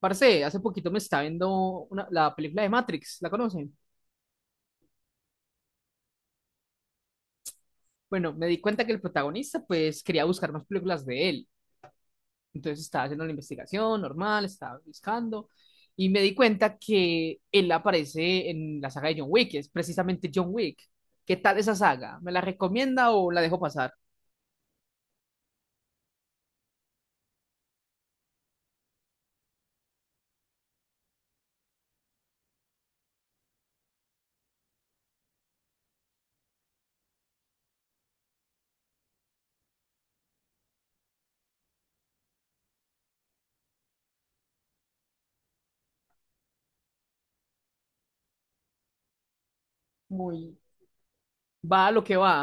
Parce, hace poquito me estaba viendo la película de Matrix, ¿la conocen? Bueno, me di cuenta que el protagonista pues quería buscar más películas de él. Entonces estaba haciendo la investigación normal, estaba buscando y me di cuenta que él aparece en la saga de John Wick, es precisamente John Wick. ¿Qué tal esa saga? ¿Me la recomienda o la dejo pasar? Muy. Va a lo que va.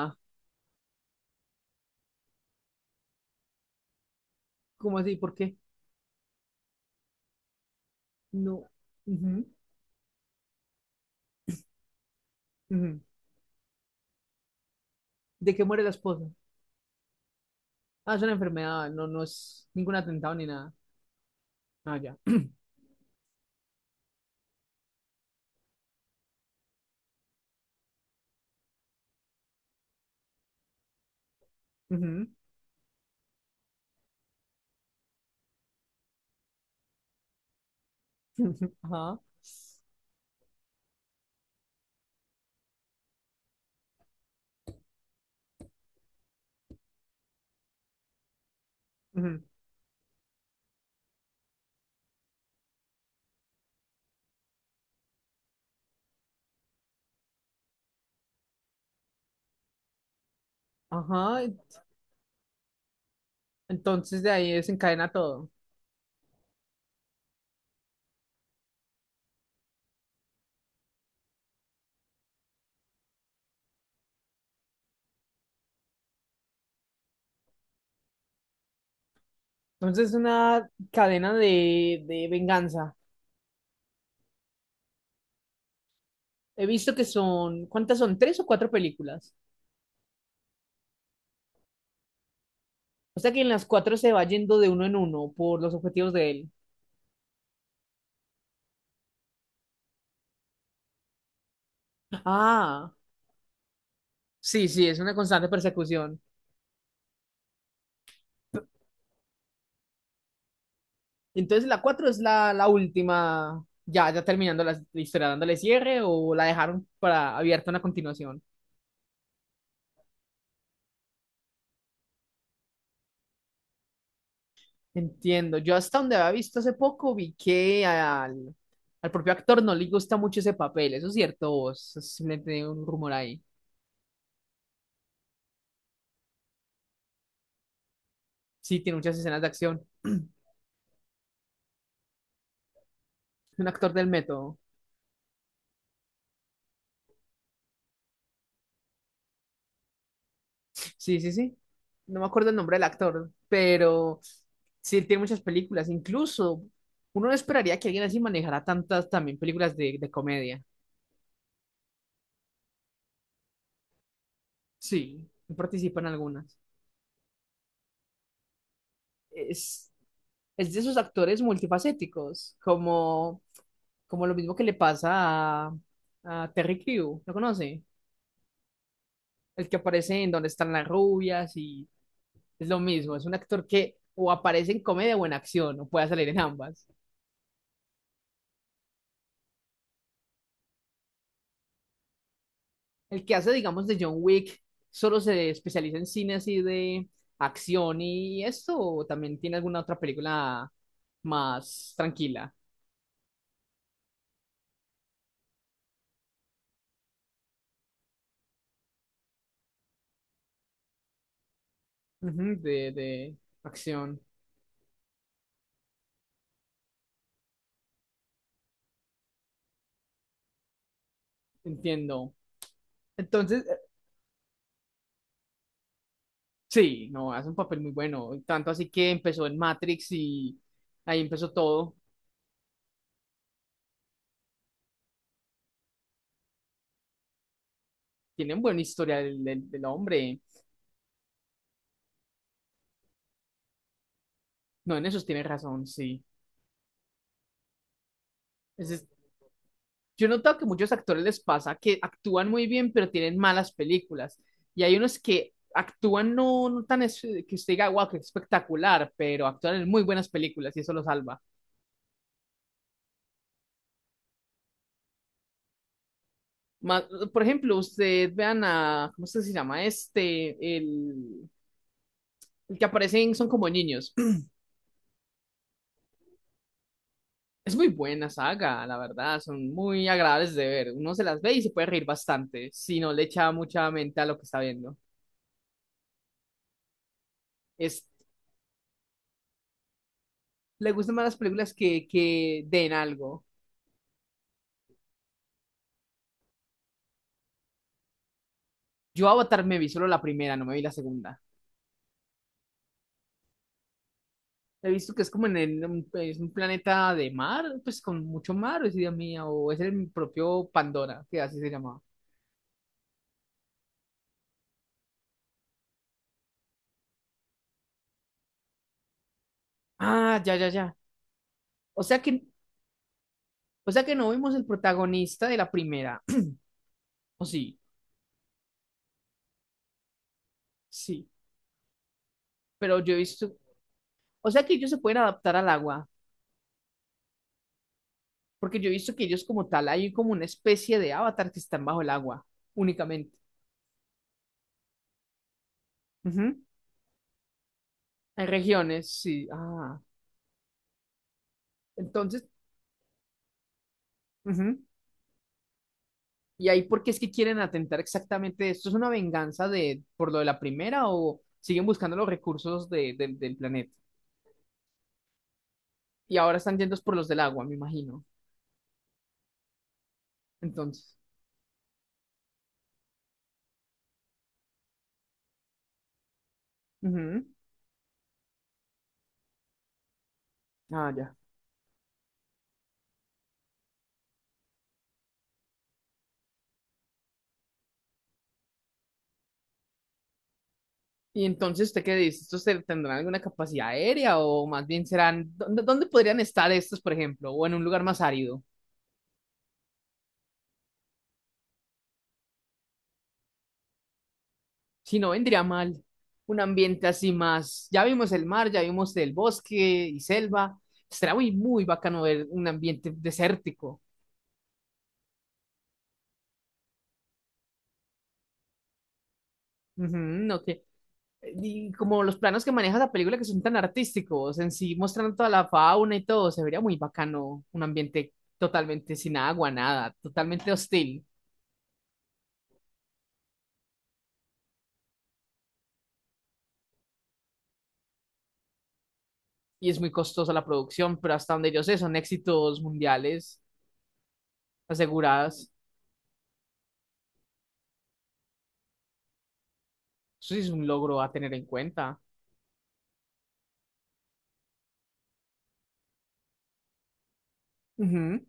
¿Cómo así? ¿Por qué? No. Ujú, ujú. ¿De qué muere la esposa? Ah, es una enfermedad, no, no es ningún atentado ni nada. Ah, ya. Ujú. Ajá. Ujú. Ajá. Entonces de ahí desencadena todo. Entonces es una cadena de venganza. He visto que son, ¿cuántas son? ¿Tres o cuatro películas? O sea que en las cuatro se va yendo de uno en uno por los objetivos de él. Ah, sí, sí, es una constante persecución. Entonces la cuatro es la última, ya, ya terminando la historia, dándole cierre o la dejaron para abierta una continuación. Entiendo. Yo hasta donde había visto hace poco vi que al propio actor no le gusta mucho ese papel. Eso es cierto, vos. Es simplemente un rumor ahí. Sí, tiene muchas escenas de acción. Un actor del método. Sí, sí, sí. No me acuerdo el nombre del actor, pero sí, él tiene muchas películas. Incluso uno no esperaría que alguien así manejara tantas también películas de comedia. Sí, él participa en algunas. es, es de esos actores multifacéticos, como, como lo mismo que le pasa a Terry Crew, ¿lo conoce? El que aparece en Donde están las rubias y es lo mismo, es un actor que o aparece en comedia o en acción, o puede salir en ambas. El que hace, digamos, de John Wick, solo se especializa en cine así de acción y esto, o también tiene alguna otra película más tranquila. Ujú, de acción. Entiendo. Entonces, sí, no, hace un papel muy bueno. Tanto así que empezó en Matrix y ahí empezó todo. Tiene un buen historial del hombre. No, en eso tiene razón, sí. Es- es- yo he notado que muchos actores les pasa que actúan muy bien, pero tienen malas películas. Y hay unos que actúan no, no que usted diga, wow, qué espectacular, pero actúan en muy buenas películas y eso lo salva. Ma- por ejemplo, usted vean a, ¿cómo es que se llama este? El que aparecen son como niños. Es muy buena saga, la verdad, son muy agradables de ver. Uno se las ve y se puede reír bastante, si no le echa mucha mente a lo que está viendo. Es, le gustan más las películas que den algo. Yo Avatar me vi solo la primera, no me vi la segunda. He visto que es como en es un planeta de mar, pues con mucho mar, o es idea mía, o es el propio Pandora, que así se llamaba. Ah, ya, ya, ya. O sea que, o sea que no vimos el protagonista de la primera. O sí, sí. Pero yo he visto, o sea que ellos se pueden adaptar al agua, porque yo he visto que ellos como tal hay como una especie de avatar que están bajo el agua únicamente. Ujú. Hay regiones, sí. Ah, entonces, ujú. ¿Y ahí por qué es que quieren atentar exactamente esto? ¿Es una venganza de por lo de la primera o siguen buscando los recursos del planeta? Y ahora están yendo por los del agua, me imagino. Entonces, ujú. Ah, ya. Y entonces, ¿usted qué dice? ¿Estos tendrán alguna capacidad aérea o más bien serán, ¿dónde, dónde podrían estar estos, por ejemplo? O en un lugar más árido. Si no, vendría mal un ambiente así más. Ya vimos el mar, ya vimos el bosque y selva. Será muy, muy bacano ver un ambiente desértico. Ujú, no que- Y como los planos que maneja la película que son tan artísticos, en sí mostrando toda la fauna y todo, se vería muy bacano un ambiente totalmente sin agua, nada, totalmente hostil. Y es muy costosa la producción, pero hasta donde yo sé son éxitos mundiales aseguradas. Eso sí es un logro a tener en cuenta. Ujú.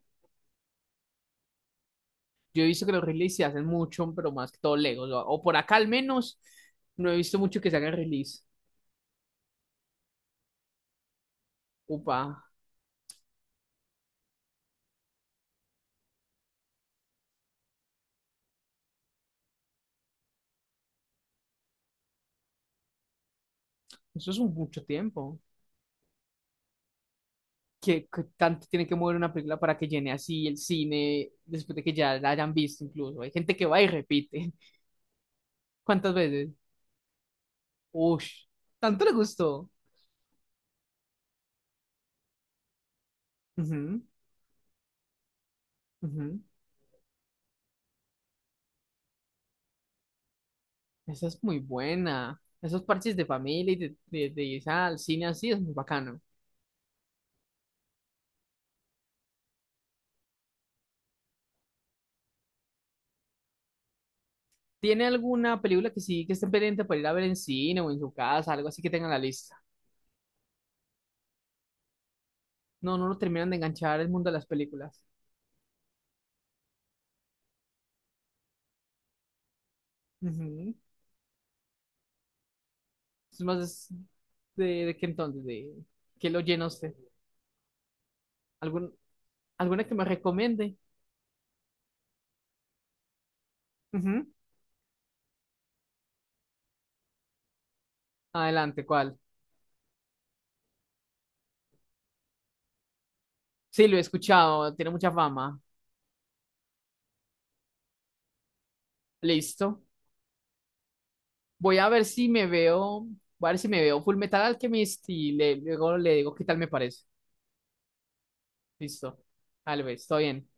Yo he visto que los releases se hacen mucho, pero más que todo Legos, o por acá al menos, no he visto mucho que se hagan release. Upa, eso es un mucho tiempo. ¿Qué, qué tanto tiene que mover una película para que llene así el cine después de que ya la hayan visto incluso? Hay gente que va y repite. ¿Cuántas veces? Ush, tanto le gustó. Ujú, ujú. Esa es muy buena. Esos parches de familia y de ir al cine así es muy bacano. ¿Tiene alguna película que sí que esté pendiente para ir a ver en cine o en su casa, algo así que tenga en la lista? No, no lo terminan de enganchar el mundo de las películas. Ujú. Es más, es de qué entonces, de qué lo llena usted. ¿Algún, alguna que me recomiende? Ujú. Adelante, ¿cuál? Sí, lo he escuchado, tiene mucha fama. Listo. Voy a ver si me veo, voy a ver si me veo Full Metal Alchemist y le, luego le digo qué tal me parece. Listo. Tal vez, todo bien.